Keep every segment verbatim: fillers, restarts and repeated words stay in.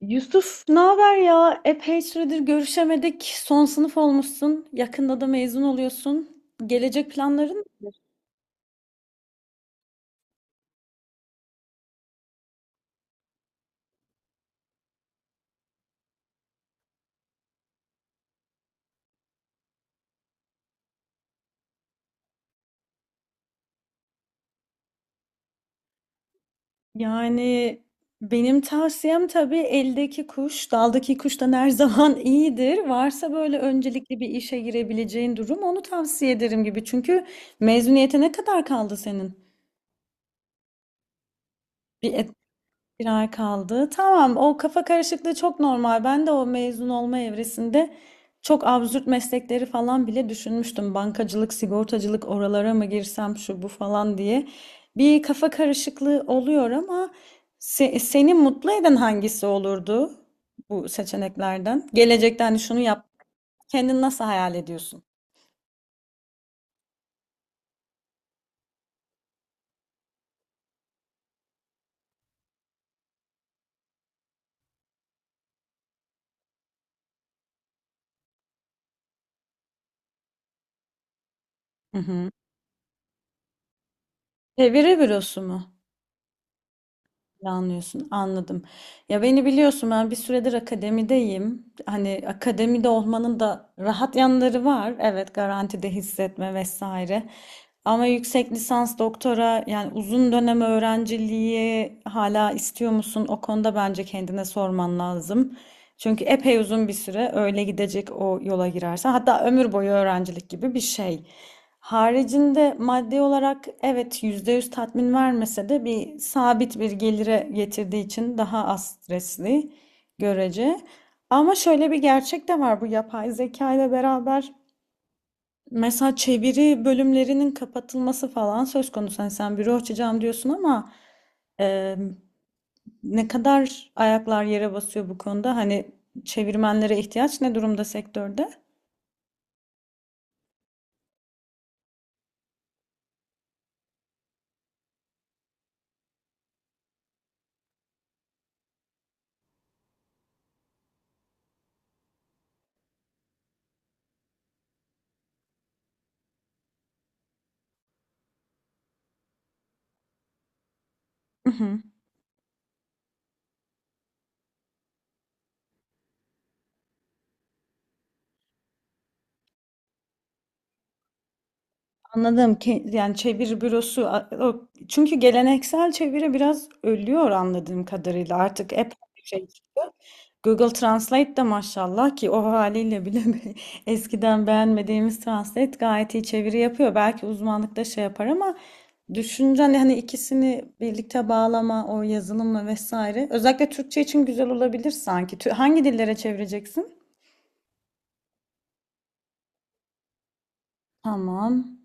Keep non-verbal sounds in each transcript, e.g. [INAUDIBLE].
Yusuf, ne haber ya? Epey süredir görüşemedik. Son sınıf olmuşsun. Yakında da mezun oluyorsun. Gelecek planların nedir? Yani benim tavsiyem tabii eldeki kuş, daldaki kuştan her zaman [LAUGHS] iyidir. Varsa böyle öncelikli bir işe girebileceğin durum onu tavsiye ederim gibi. Çünkü mezuniyete ne kadar kaldı senin? Bir Bir ay kaldı. Tamam, o kafa karışıklığı çok normal. Ben de o mezun olma evresinde çok absürt meslekleri falan bile düşünmüştüm. Bankacılık, sigortacılık oralara mı girsem şu bu falan diye. Bir kafa karışıklığı oluyor ama se- seni mutlu eden hangisi olurdu bu seçeneklerden? Gelecekten şunu yap. Kendini nasıl hayal ediyorsun? Hı hı. Çeviri bürosu mu? Planlıyorsun, anladım. Ya beni biliyorsun ben bir süredir akademideyim. Hani akademide olmanın da rahat yanları var. Evet, garantide hissetme vesaire. Ama yüksek lisans, doktora yani uzun dönem öğrenciliği hala istiyor musun? O konuda bence kendine sorman lazım. Çünkü epey uzun bir süre öyle gidecek o yola girersen. Hatta ömür boyu öğrencilik gibi bir şey. Haricinde maddi olarak evet yüzde yüz tatmin vermese de bir sabit bir gelire getirdiği için daha az stresli görece. Ama şöyle bir gerçek de var bu yapay zeka ile beraber. Mesela çeviri bölümlerinin kapatılması falan söz konusu. Hani sen büro açacağım diyorsun ama e, ne kadar ayaklar yere basıyor bu konuda? Hani çevirmenlere ihtiyaç ne durumda sektörde? Hı hı. Anladım ki yani çeviri bürosu a- o- çünkü geleneksel çeviri biraz ölüyor anladığım kadarıyla artık epey bir şey. Google Translate de maşallah ki o haliyle bile [LAUGHS] eskiden beğenmediğimiz Translate gayet iyi çeviri yapıyor. Belki uzmanlıkta şey yapar ama düşünce hani hani ikisini birlikte bağlama o yazılımla vesaire. Özellikle Türkçe için güzel olabilir sanki. Tü- Hangi dillere çevireceksin? Tamam.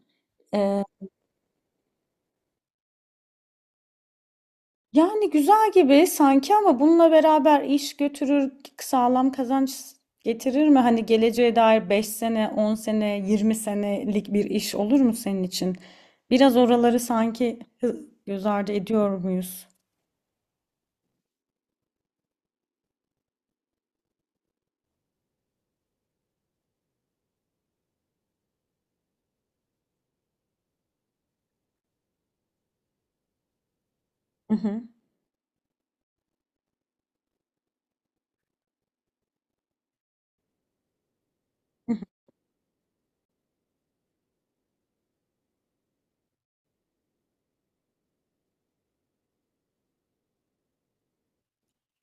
Yani güzel gibi sanki ama bununla beraber iş götürür, sağlam kazanç getirir mi? Hani geleceğe dair beş sene, on sene, yirmi senelik bir iş olur mu senin için? Biraz oraları sanki hı- göz ardı ediyor muyuz? Hı hı.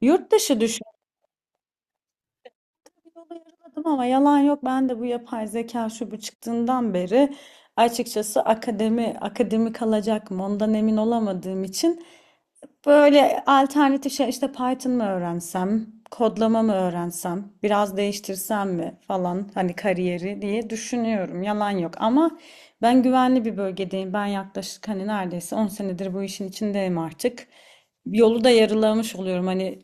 Yurt dışı düşün. Yola yarıladım ama yalan yok. Ben de bu yapay zeka şu bu çıktığından beri açıkçası akademi akademi kalacak mı ondan emin olamadığım için böyle alternatif şey işte Python mı öğrensem, kodlama mı öğrensem, biraz değiştirsem mi falan hani kariyeri diye düşünüyorum. Yalan yok ama ben güvenli bir bölgedeyim. Ben yaklaşık hani neredeyse on senedir bu işin içindeyim artık. Yolu da yarılamış oluyorum. Hani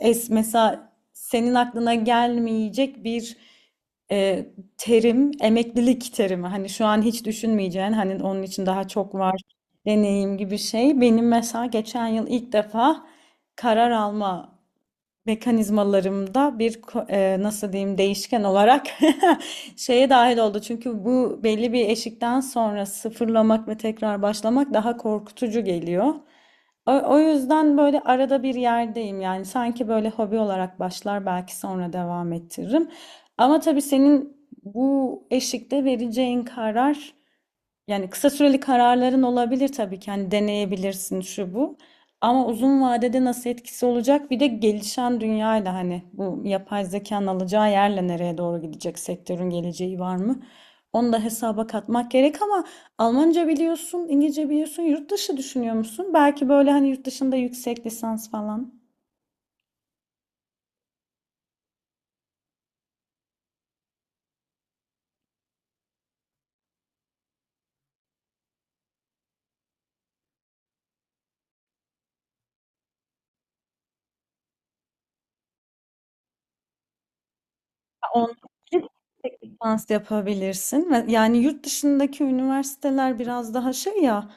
es mesela senin aklına gelmeyecek bir e, terim, emeklilik terimi. Hani şu an hiç düşünmeyeceğin, hani onun için daha çok var deneyim gibi şey. Benim mesela geçen yıl ilk defa karar alma mekanizmalarımda bir ko- e, nasıl diyeyim değişken olarak [LAUGHS] şeye dahil oldu. Çünkü bu belli bir eşikten sonra sıfırlamak ve tekrar başlamak daha korkutucu geliyor. O, o yüzden böyle arada bir yerdeyim yani sanki böyle hobi olarak başlar belki sonra devam ettiririm. Ama tabii senin bu eşikte vereceğin karar yani kısa süreli kararların olabilir tabii ki. Hani deneyebilirsin şu bu. Ama uzun vadede nasıl etkisi olacak? Bir de gelişen dünyayla hani bu yapay zekanın alacağı yerle nereye doğru gidecek sektörün geleceği var mı? Onu da hesaba katmak gerek ama Almanca biliyorsun, İngilizce biliyorsun, yurt dışı düşünüyor musun? Belki böyle hani yurt dışında yüksek lisans falan. On- Lisans yapabilirsin. Ve yani yurt dışındaki üniversiteler biraz daha şey ya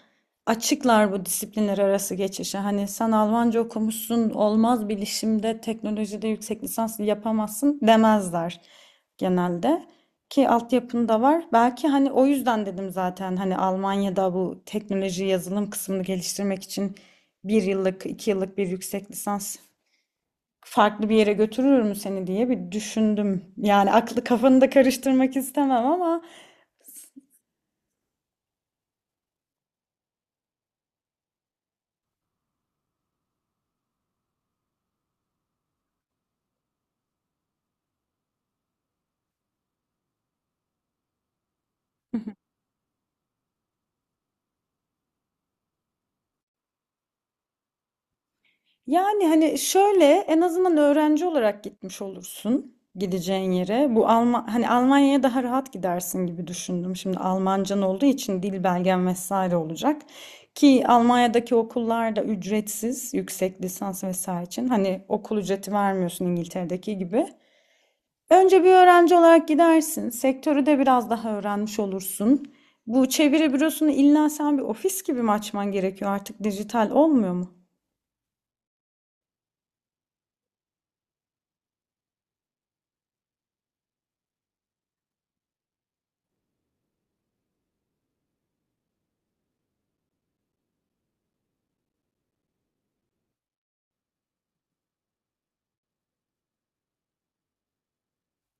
açıklar bu disiplinler arası geçişe. Hani sen Almanca okumuşsun olmaz bilişimde teknolojide yüksek lisans yapamazsın demezler genelde. Ki altyapın da var. Belki hani o yüzden dedim zaten hani Almanya'da bu teknoloji yazılım kısmını geliştirmek için bir yıllık iki yıllık bir yüksek lisans farklı bir yere götürür mü seni diye bir düşündüm. Yani aklı kafanı da karıştırmak istemem ama yani hani şöyle en azından öğrenci olarak gitmiş olursun gideceğin yere. Bu Alma hani Almanya'ya daha rahat gidersin gibi düşündüm. Şimdi Almancan olduğu için dil belgen vesaire olacak. Ki Almanya'daki okullar da ücretsiz yüksek lisans vesaire için. Hani okul ücreti vermiyorsun İngiltere'deki gibi. Önce bir öğrenci olarak gidersin. Sektörü de biraz daha öğrenmiş olursun. Bu çeviri bürosunu illa sen bir ofis gibi mi açman gerekiyor? Artık dijital olmuyor mu?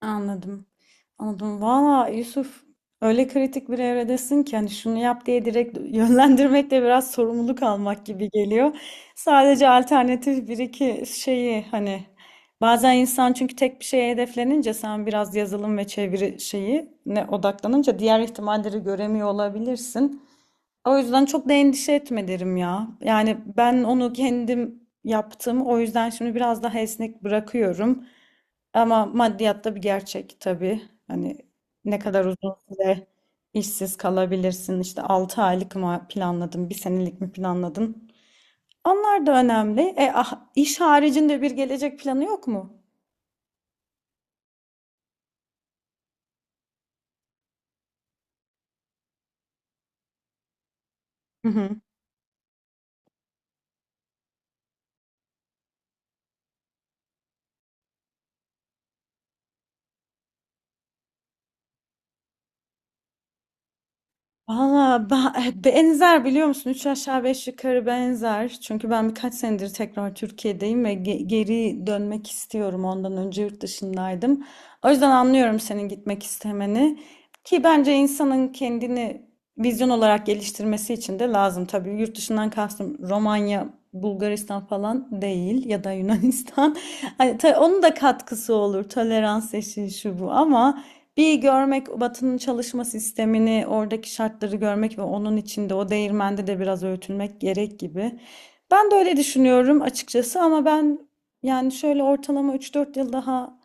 Anladım. Anladım. Valla Yusuf öyle kritik bir evredesin ki hani şunu yap diye direkt [LAUGHS] yönlendirmek de biraz sorumluluk almak gibi geliyor. Sadece alternatif bir iki şeyi hani bazen insan çünkü tek bir şeye hedeflenince sen biraz yazılım ve çeviri şeyi ne odaklanınca diğer ihtimalleri göremiyor olabilirsin. O yüzden çok da endişe etme derim ya. Yani ben onu kendim yaptım. O yüzden şimdi biraz daha esnek bırakıyorum. Ama maddiyat da bir gerçek tabii. Hani ne kadar uzun süre işsiz kalabilirsin. İşte altı aylık mı planladın, bir senelik mi planladın? Onlar da önemli. E, ah, iş haricinde bir gelecek planı yok mu? Valla ben- eh, benzer biliyor musun? Üç aşağı beş yukarı benzer. Çünkü ben birkaç senedir tekrar Türkiye'deyim ve ge- geri dönmek istiyorum. Ondan önce yurt dışındaydım. O yüzden anlıyorum senin gitmek istemeni. Ki bence insanın kendini vizyon olarak geliştirmesi için de lazım. Tabii yurt dışından kastım Romanya, Bulgaristan falan değil ya da Yunanistan. [LAUGHS] Hani ta- onun da katkısı olur. Tolerans eşiği şu bu ama bir görmek Batı'nın çalışma sistemini, oradaki şartları görmek ve onun içinde o değirmende de biraz öğütülmek gerek gibi. Ben de öyle düşünüyorum açıkçası ama ben yani şöyle ortalama üç dört yıl daha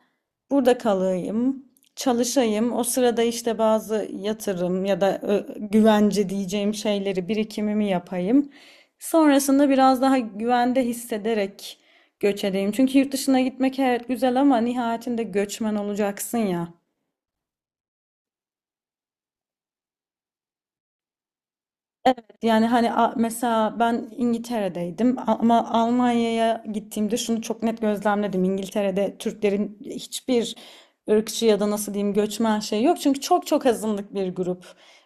burada kalayım, çalışayım. O sırada işte bazı yatırım ya da ö, güvence diyeceğim şeyleri, birikimimi yapayım. Sonrasında biraz daha güvende hissederek göç edeyim. Çünkü yurt dışına gitmek evet güzel ama nihayetinde göçmen olacaksın ya. Yani hani a- mesela ben İngiltere'deydim ama Almanya'ya gittiğimde şunu çok net gözlemledim. İngiltere'de Türklerin hiçbir ırkçı ya da nasıl diyeyim göçmen şey yok. Çünkü çok çok azınlık bir grup.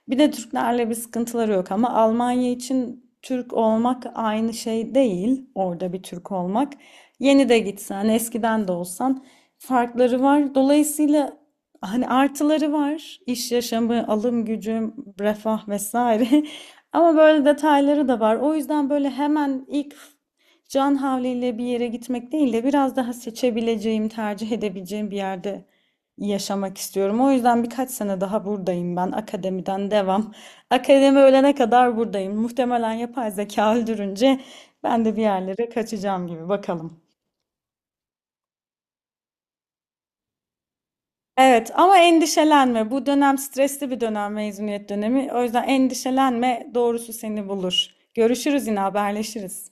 Bir de Türklerle bir sıkıntıları yok ama Almanya için Türk olmak aynı şey değil. Orada bir Türk olmak. Yeni de gitsen, eskiden de olsan farkları var. Dolayısıyla hani artıları var. İş yaşamı, alım gücüm, refah vesaire. [LAUGHS] Ama böyle detayları da var. O yüzden böyle hemen ilk can havliyle bir yere gitmek değil de biraz daha seçebileceğim, tercih edebileceğim bir yerde yaşamak istiyorum. O yüzden birkaç sene daha buradayım ben. Akademiden devam. [LAUGHS] Akademi ölene kadar buradayım. Muhtemelen yapay zeka öldürünce ben de bir yerlere kaçacağım gibi. Bakalım. Evet ama endişelenme. Bu dönem stresli bir dönem mezuniyet dönemi. O yüzden endişelenme, doğrusu seni bulur. Görüşürüz yine haberleşiriz.